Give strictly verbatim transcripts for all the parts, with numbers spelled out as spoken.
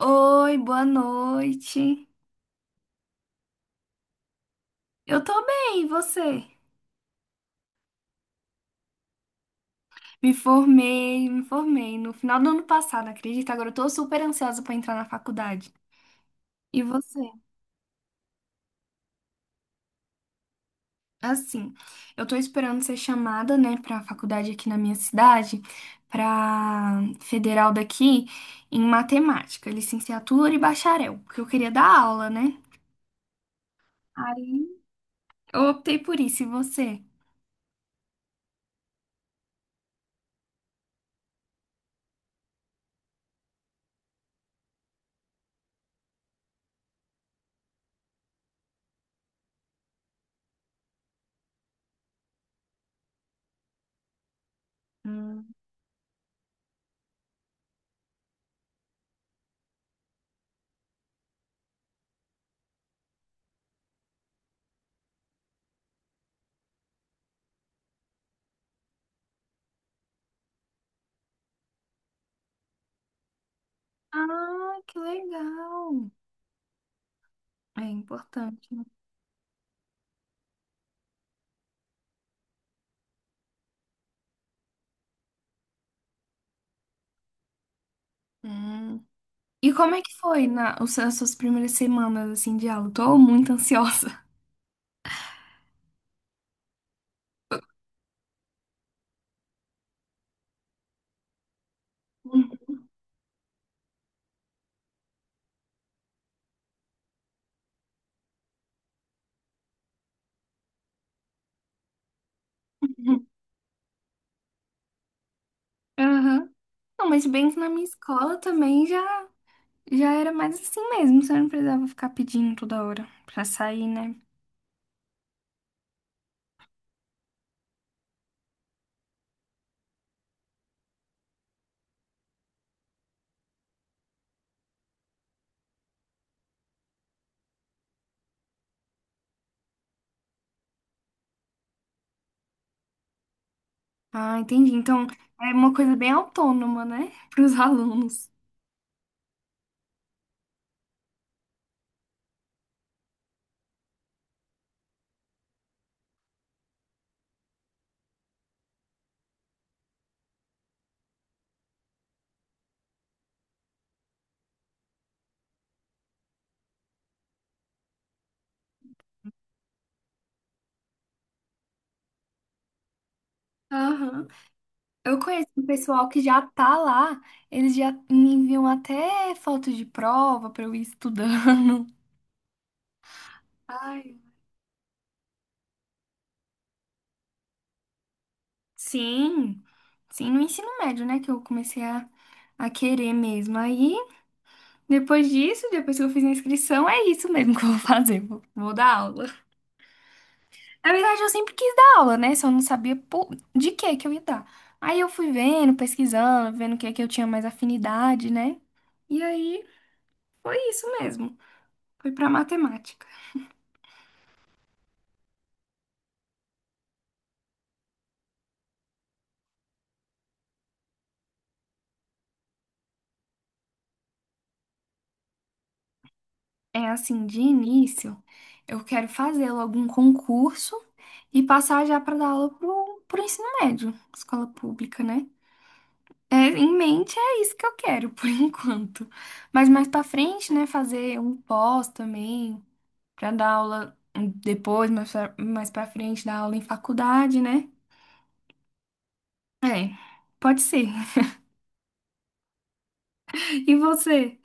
Oi, boa noite. Eu tô bem, e você? Me formei, me formei no final do ano passado, acredita? Agora eu tô super ansiosa pra entrar na faculdade. E você? Assim, eu tô esperando ser chamada, né, pra faculdade aqui na minha cidade, pra federal daqui, em matemática, licenciatura e bacharel, porque eu queria dar aula, né? Aí eu optei por isso, e você? Hum. Ah, que legal. É importante, né? Hum. E como é que foi na, os- as suas primeiras semanas, assim, de aula? Tô muito ansiosa. Aham. Não, mas bem que na minha escola também já, já era mais assim mesmo. Você não precisava ficar pedindo toda hora pra sair, né? Ah, entendi. Então, é uma coisa bem autônoma, né? para os alunos. Aham. Eu conheço um pessoal que já tá lá, eles já me enviam até foto de prova pra eu ir estudando. Ai. Sim, sim, no ensino médio, né, que eu comecei a, a querer mesmo. Aí, depois disso, depois que eu fiz a inscrição, é isso mesmo que eu vou fazer, vou, vou dar aula. Na verdade, eu sempre quis dar aula, né, só não sabia po- de que que eu ia dar. Aí eu fui vendo, pesquisando, vendo o que é que eu tinha mais afinidade, né, e aí foi isso mesmo, foi pra matemática. É assim, de início, eu quero fazer logo um concurso e passar já para dar aula pro, pro ensino médio, escola pública, né? É, em mente é isso que eu quero por enquanto. Mas mais para frente, né, fazer um pós também, para dar aula depois, mais pra, mais para frente dar aula em faculdade, né? É, pode ser. E você?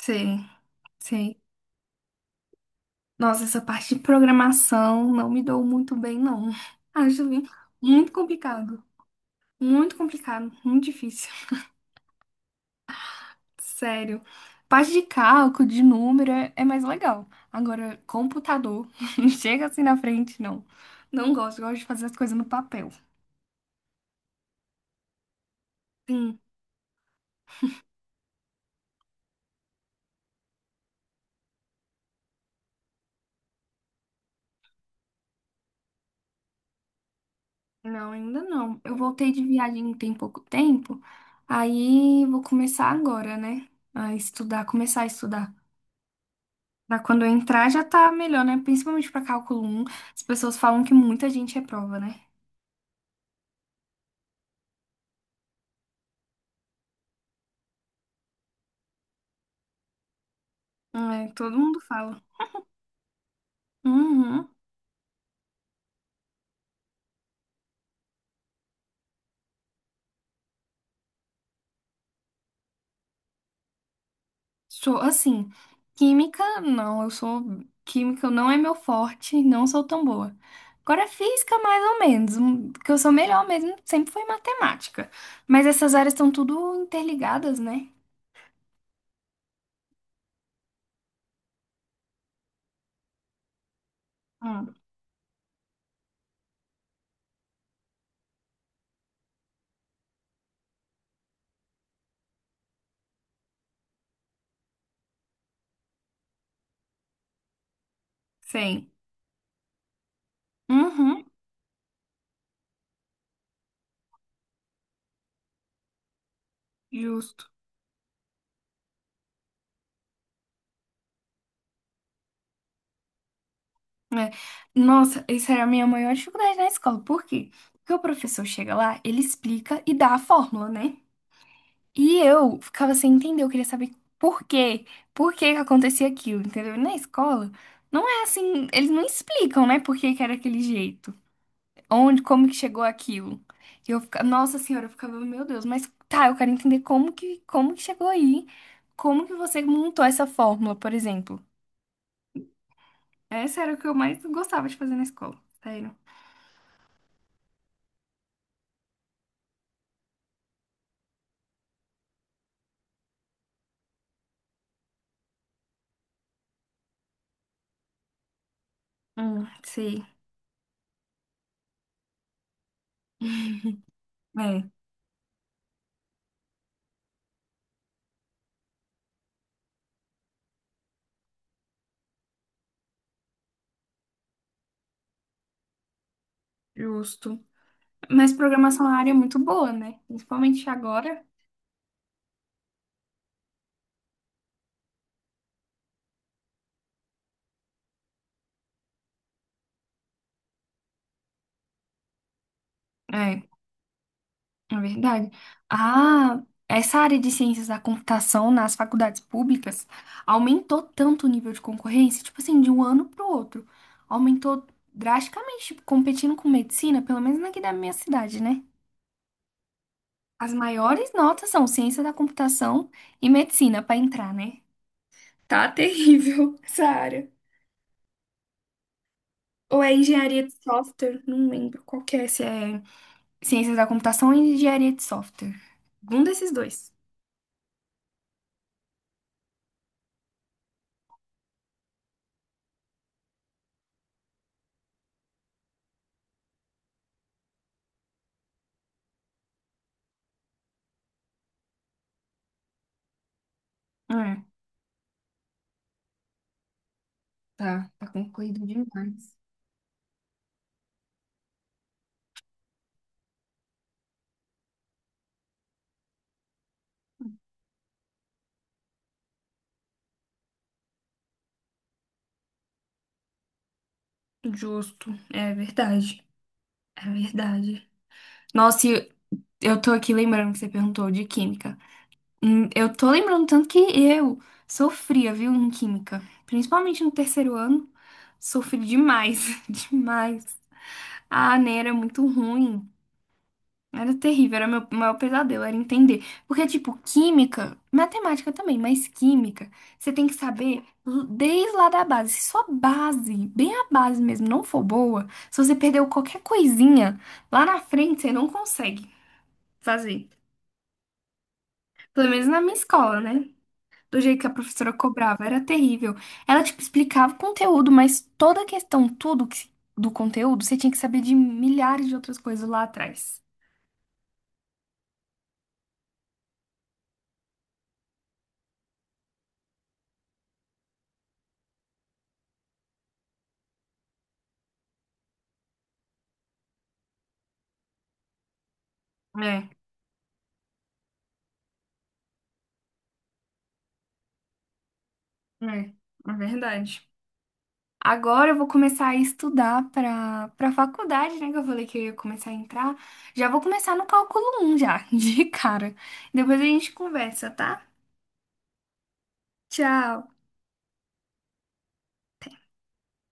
Sei, sei. Nossa, essa parte de programação não me dou muito bem, não. Acho muito complicado. Muito complicado, muito difícil. Sério. Parte de cálculo, de número é, é mais legal. Agora, computador, chega assim na frente, não. Não gosto, gosto de fazer as coisas no papel. Sim, não, ainda não. Eu voltei de viagem tem pouco tempo, aí vou começar agora, né? A estudar, começar a estudar. Pra quando eu entrar já tá melhor, né? Principalmente pra cálculo um. As pessoas falam que muita gente reprova, né? É, todo mundo fala. Uhum. Sou assim, química, não, eu sou química, não é meu forte, não sou tão boa. Agora física mais ou menos, um- que eu sou melhor mesmo, sempre foi matemática. Mas essas áreas estão tudo interligadas, né? Hum, sei. Uhum, justo. É. Nossa, essa era a minha maior dificuldade na escola. Por quê? Porque o professor chega lá, ele explica e dá a fórmula, né? E eu ficava sem entender, eu queria saber por quê, por que que acontecia aquilo, entendeu? E na escola, não é assim, eles não explicam, né, por que que era aquele jeito, onde, como que chegou aquilo. E eu ficava, nossa senhora, eu ficava, meu Deus, mas tá, eu quero entender como que, como que chegou aí, como que você montou essa fórmula, por exemplo. Essa era o que eu mais gostava de fazer na escola, sério. Hum, sei, é, justo. Mas programação é uma área muito boa, né? Principalmente agora. é É verdade. Ah, essa área de ciências da computação nas faculdades públicas aumentou tanto o nível de concorrência, tipo assim, de um ano para o outro. Aumentou drasticamente, tipo, competindo com medicina, pelo menos aqui da minha cidade, né? As maiores notas são ciência da computação e medicina para entrar, né? Tá terrível essa área. Ou é engenharia de software, não lembro qual que é, se é ciências da computação ou engenharia de software. Um desses dois. É. Tá, tá concorrido demais. Justo, é verdade, é verdade. Nossa, e eu tô aqui lembrando que você perguntou de química. Hum, Eu tô lembrando tanto que eu sofria, viu, em química. Principalmente no terceiro ano, sofri demais, demais. A ANA era muito ruim. Era terrível, era meu maior pesadelo, era entender. Porque, tipo, química, matemática também, mas química, você tem que saber l- desde lá da base. Se sua base, bem a base mesmo, não for boa, se você perdeu qualquer coisinha, lá na frente você não consegue fazer. Pelo menos na minha escola, né? Do jeito que a professora cobrava, era terrível. Ela, tipo, explicava o conteúdo, mas toda a questão, tudo que- do conteúdo, você tinha que saber de milhares de outras coisas lá atrás. É, é, é verdade. Agora eu vou começar a estudar para para faculdade, né? Que eu falei que eu ia começar a entrar. Já vou começar no cálculo um já, de cara. Depois a gente conversa, tá? Tchau.